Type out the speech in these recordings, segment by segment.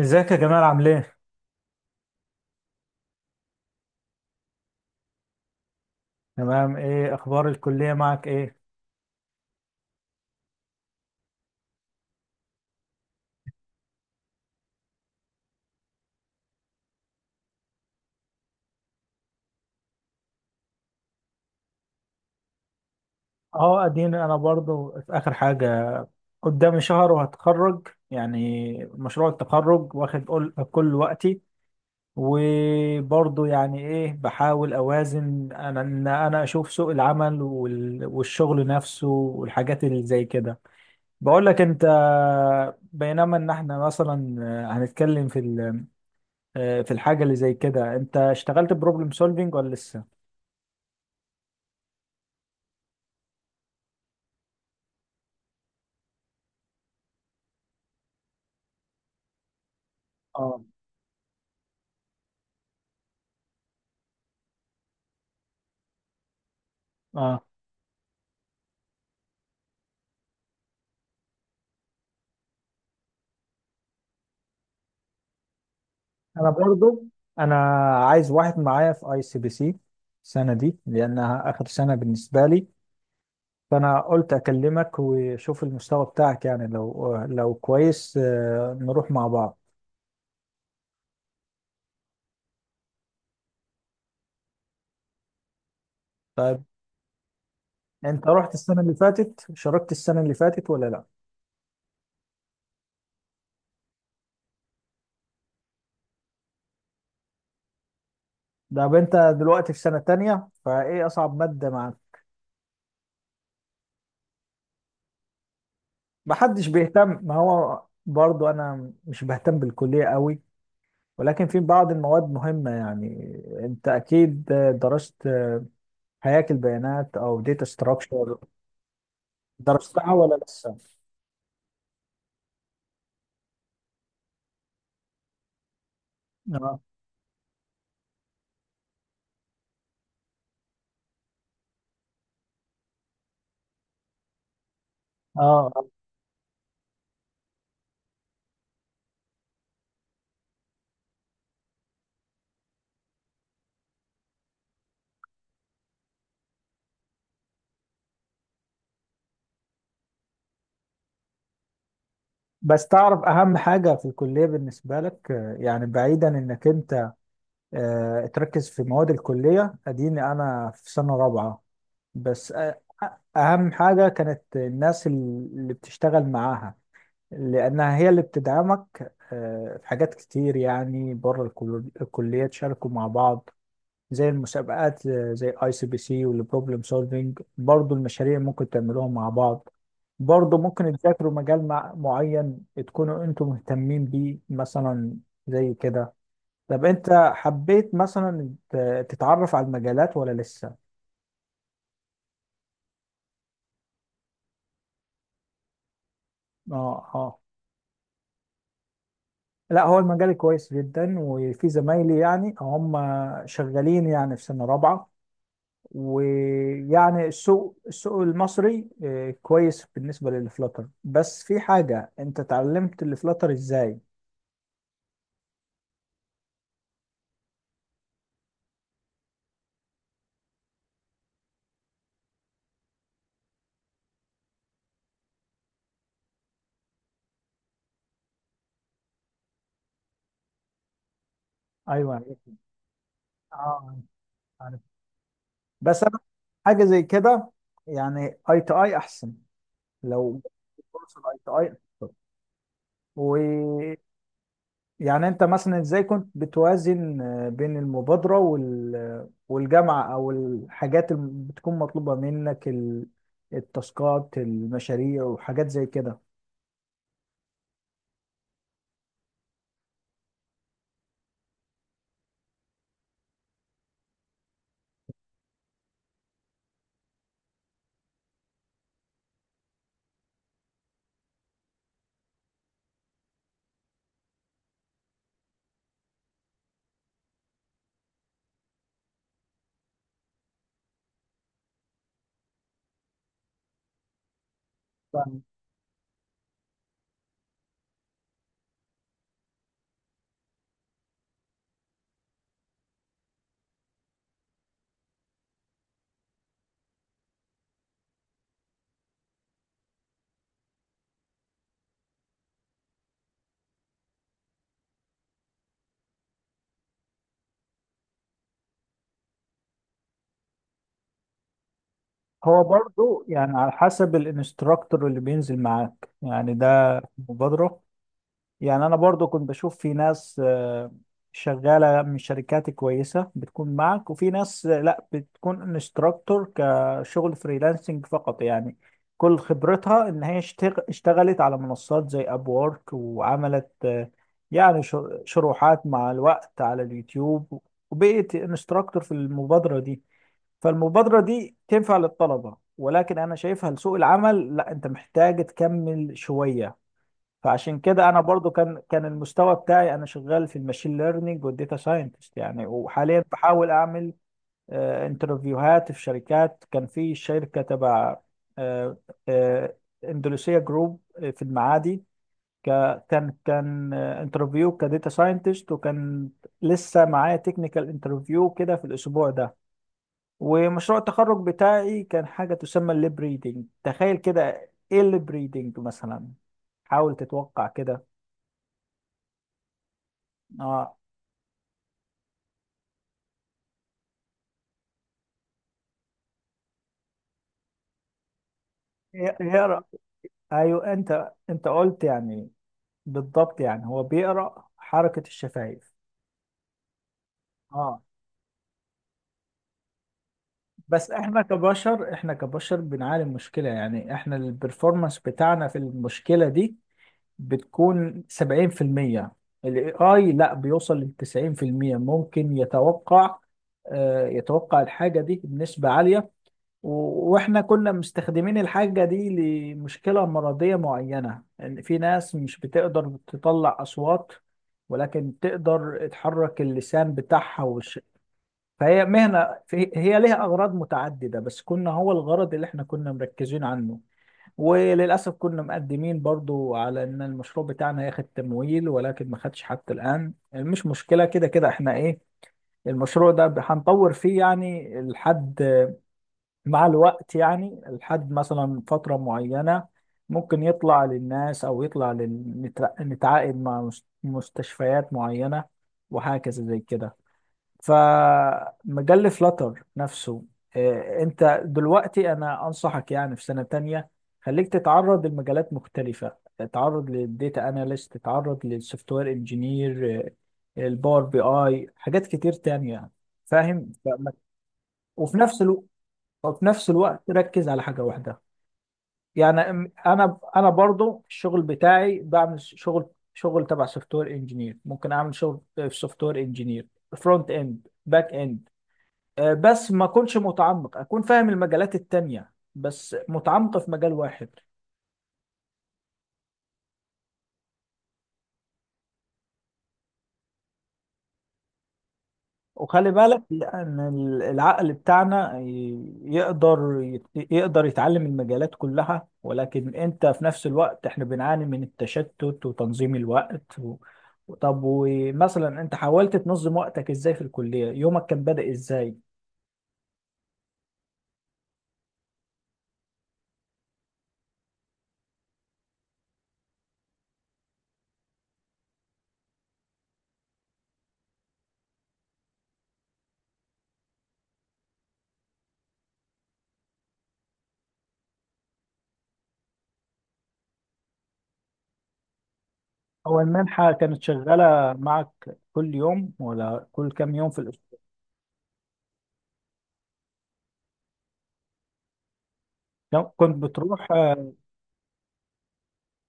ازيك يا جمال عامل ايه؟ تمام، ايه اخبار الكلية معك ايه؟ اه اديني انا برضو في اخر حاجة، قدامي شهر وهتخرج يعني مشروع التخرج واخد كل وقتي، وبرضو يعني ايه بحاول اوازن انا اشوف سوق العمل والشغل نفسه والحاجات اللي زي كده. بقول لك انت، بينما ان احنا مثلا هنتكلم في الحاجة اللي زي كده، انت اشتغلت بروبلم سولفينج ولا لسه؟ اه اه، انا برضو انا عايز واحد معايا في اي سي بي سي السنه دي لانها اخر سنه بالنسبه لي، فانا قلت اكلمك وشوف المستوى بتاعك، يعني لو كويس نروح مع بعض. طيب، انت رحت السنه اللي فاتت، شاركت السنه اللي فاتت ولا لا؟ طب انت دلوقتي في سنه تانية، فايه اصعب ماده معاك؟ محدش بيهتم، ما هو برضو انا مش بهتم بالكليه قوي، ولكن في بعض المواد مهمه يعني. انت اكيد درست هياكل بيانات او داتا ستراكشر، درستها ولا لسه؟ اه اه، آه. بس تعرف اهم حاجه في الكليه بالنسبه لك، يعني بعيدا انك انت تركز في مواد الكليه، اديني انا في سنه رابعه بس، اهم حاجه كانت الناس اللي بتشتغل معاها، لانها هي اللي بتدعمك في حاجات كتير، يعني بره الكليه تشاركوا مع بعض زي المسابقات، زي اي سي بي سي والبروبلم سولفينج، برضو المشاريع ممكن تعملوها مع بعض، برضو ممكن تذاكروا مجال معين تكونوا انتم مهتمين بيه مثلا، زي كده. طب انت حبيت مثلا تتعرف على المجالات ولا لسه؟ اه اه، لا هو المجال كويس جدا، وفي زمايلي يعني هم شغالين يعني في سنة رابعة. ويعني السوق المصري كويس بالنسبة للفلاتر، بس في حاجة، انت اتعلمت الفلاتر ازاي؟ ايوه اه، عارف. بس انا حاجة زي كده، يعني اي تو اي احسن لو فرصة الاي تو اي. ويعني انت مثلا ازاي كنت بتوازن بين المبادرة والجامعة او الحاجات اللي بتكون مطلوبة منك، التاسكات، المشاريع وحاجات زي كده؟ هو برضو يعني على حسب الانستراكتور اللي بينزل معاك يعني ده مبادرة. يعني أنا برضو كنت بشوف في ناس شغالة من شركات كويسة بتكون معك، وفي ناس لا بتكون انستراكتور كشغل فريلانسنج فقط، يعني كل خبرتها إن هي اشتغلت على منصات زي أبورك، وعملت يعني شروحات مع الوقت على اليوتيوب، وبقيت انستراكتور في المبادرة دي. فالمبادرة دي تنفع للطلبة، ولكن أنا شايفها لسوق العمل لا، أنت محتاج تكمل شوية. فعشان كده أنا برضو كان المستوى بتاعي، أنا شغال في الماشين ليرنينج والديتا ساينتست يعني، وحاليا بحاول أعمل انترفيوهات في شركات. كان في شركة تبع آه، آه، اندونيسيا جروب في المعادي، كان انترفيو كديتا ساينتست، وكان لسه معايا تكنيكال انترفيو كده في الأسبوع ده. ومشروع التخرج بتاعي كان حاجة تسمى الليب ريدنج. تخيل كده، ايه الليب ريدنج مثلا؟ حاول تتوقع كده. اه، يقرا، ايوه، انت قلت يعني. بالضبط، يعني هو بيقرا حركة الشفايف. اه، بس احنا كبشر، احنا كبشر، بنعاني من مشكلة، يعني احنا البرفورمانس بتاعنا في المشكلة دي بتكون 70%، الاي اي لا بيوصل ل 90%، ممكن يتوقع يتوقع الحاجة دي بنسبة عالية. واحنا كنا مستخدمين الحاجة دي لمشكلة مرضية معينة، ان في ناس مش بتقدر تطلع اصوات، ولكن تقدر تحرك اللسان بتاعها فهي مهنة هي ليها اغراض متعددة، بس كنا هو الغرض اللي احنا كنا مركزين عنه. وللأسف كنا مقدمين برضو على إن المشروع بتاعنا هياخد تمويل، ولكن ما خدش حتى الآن. مش مشكلة، كده كده إحنا إيه، المشروع ده هنطور فيه يعني لحد، مع الوقت يعني لحد مثلا فترة معينة، ممكن يطلع للناس أو يطلع نتعاقد مع مستشفيات معينة، وهكذا زي كده. فمجال فلاتر نفسه، انت دلوقتي انا انصحك يعني، في سنة تانية خليك تتعرض لمجالات مختلفة، تتعرض للديتا اناليست، تتعرض للسوفت وير انجينير، الباور بي اي، حاجات كتير تانية يعني. فاهم وفي نفس الوقت، وفي نفس الوقت ركز على حاجة واحدة، يعني انا برضو الشغل بتاعي بعمل شغل، شغل تبع سوفت وير انجينير، ممكن اعمل شغل في سوفت وير انجينير فرونت اند باك اند، بس ما اكونش متعمق، اكون فاهم المجالات التانية بس متعمق في مجال واحد. وخلي بالك، لان العقل بتاعنا يقدر يتعلم المجالات كلها، ولكن انت في نفس الوقت، احنا بنعاني من التشتت وتنظيم الوقت. طب ومثلا انت حاولت تنظم وقتك ازاي في الكلية؟ يومك كان بادئ ازاي؟ هو المنحة كانت شغالة معك كل يوم ولا كل كام يوم في الأسبوع؟ كنت بتروح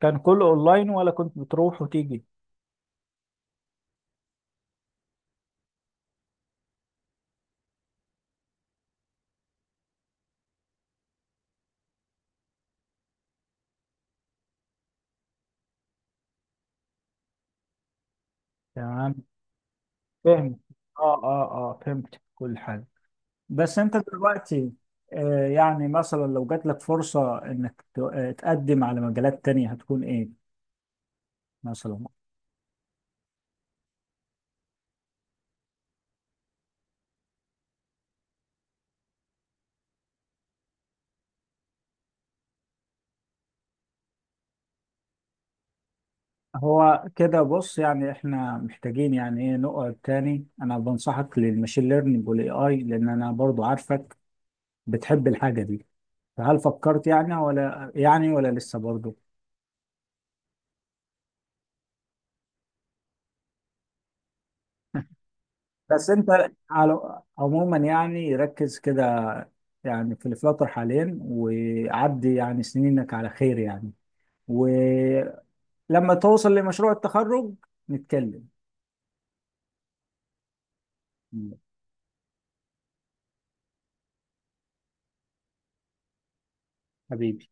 كان كله اونلاين ولا كنت بتروح وتيجي؟ تمام، فهمت. اه اه اه، فهمت كل حاجه. بس انت دلوقتي، آه يعني مثلا لو جات لك فرصه انك تقدم على مجالات تانية، هتكون ايه مثلا؟ هو كده بص، يعني احنا محتاجين يعني ايه نقعد تاني، انا بنصحك للماشين ليرنينج والاي اي، لان انا برضو عارفك بتحب الحاجه دي. فهل فكرت يعني ولا لسه برضو؟ بس انت على عموما يعني ركز كده يعني في الفلاتر حاليا، وعدي يعني سنينك على خير يعني. ولما توصل لمشروع التخرج نتكلم. حبيبي.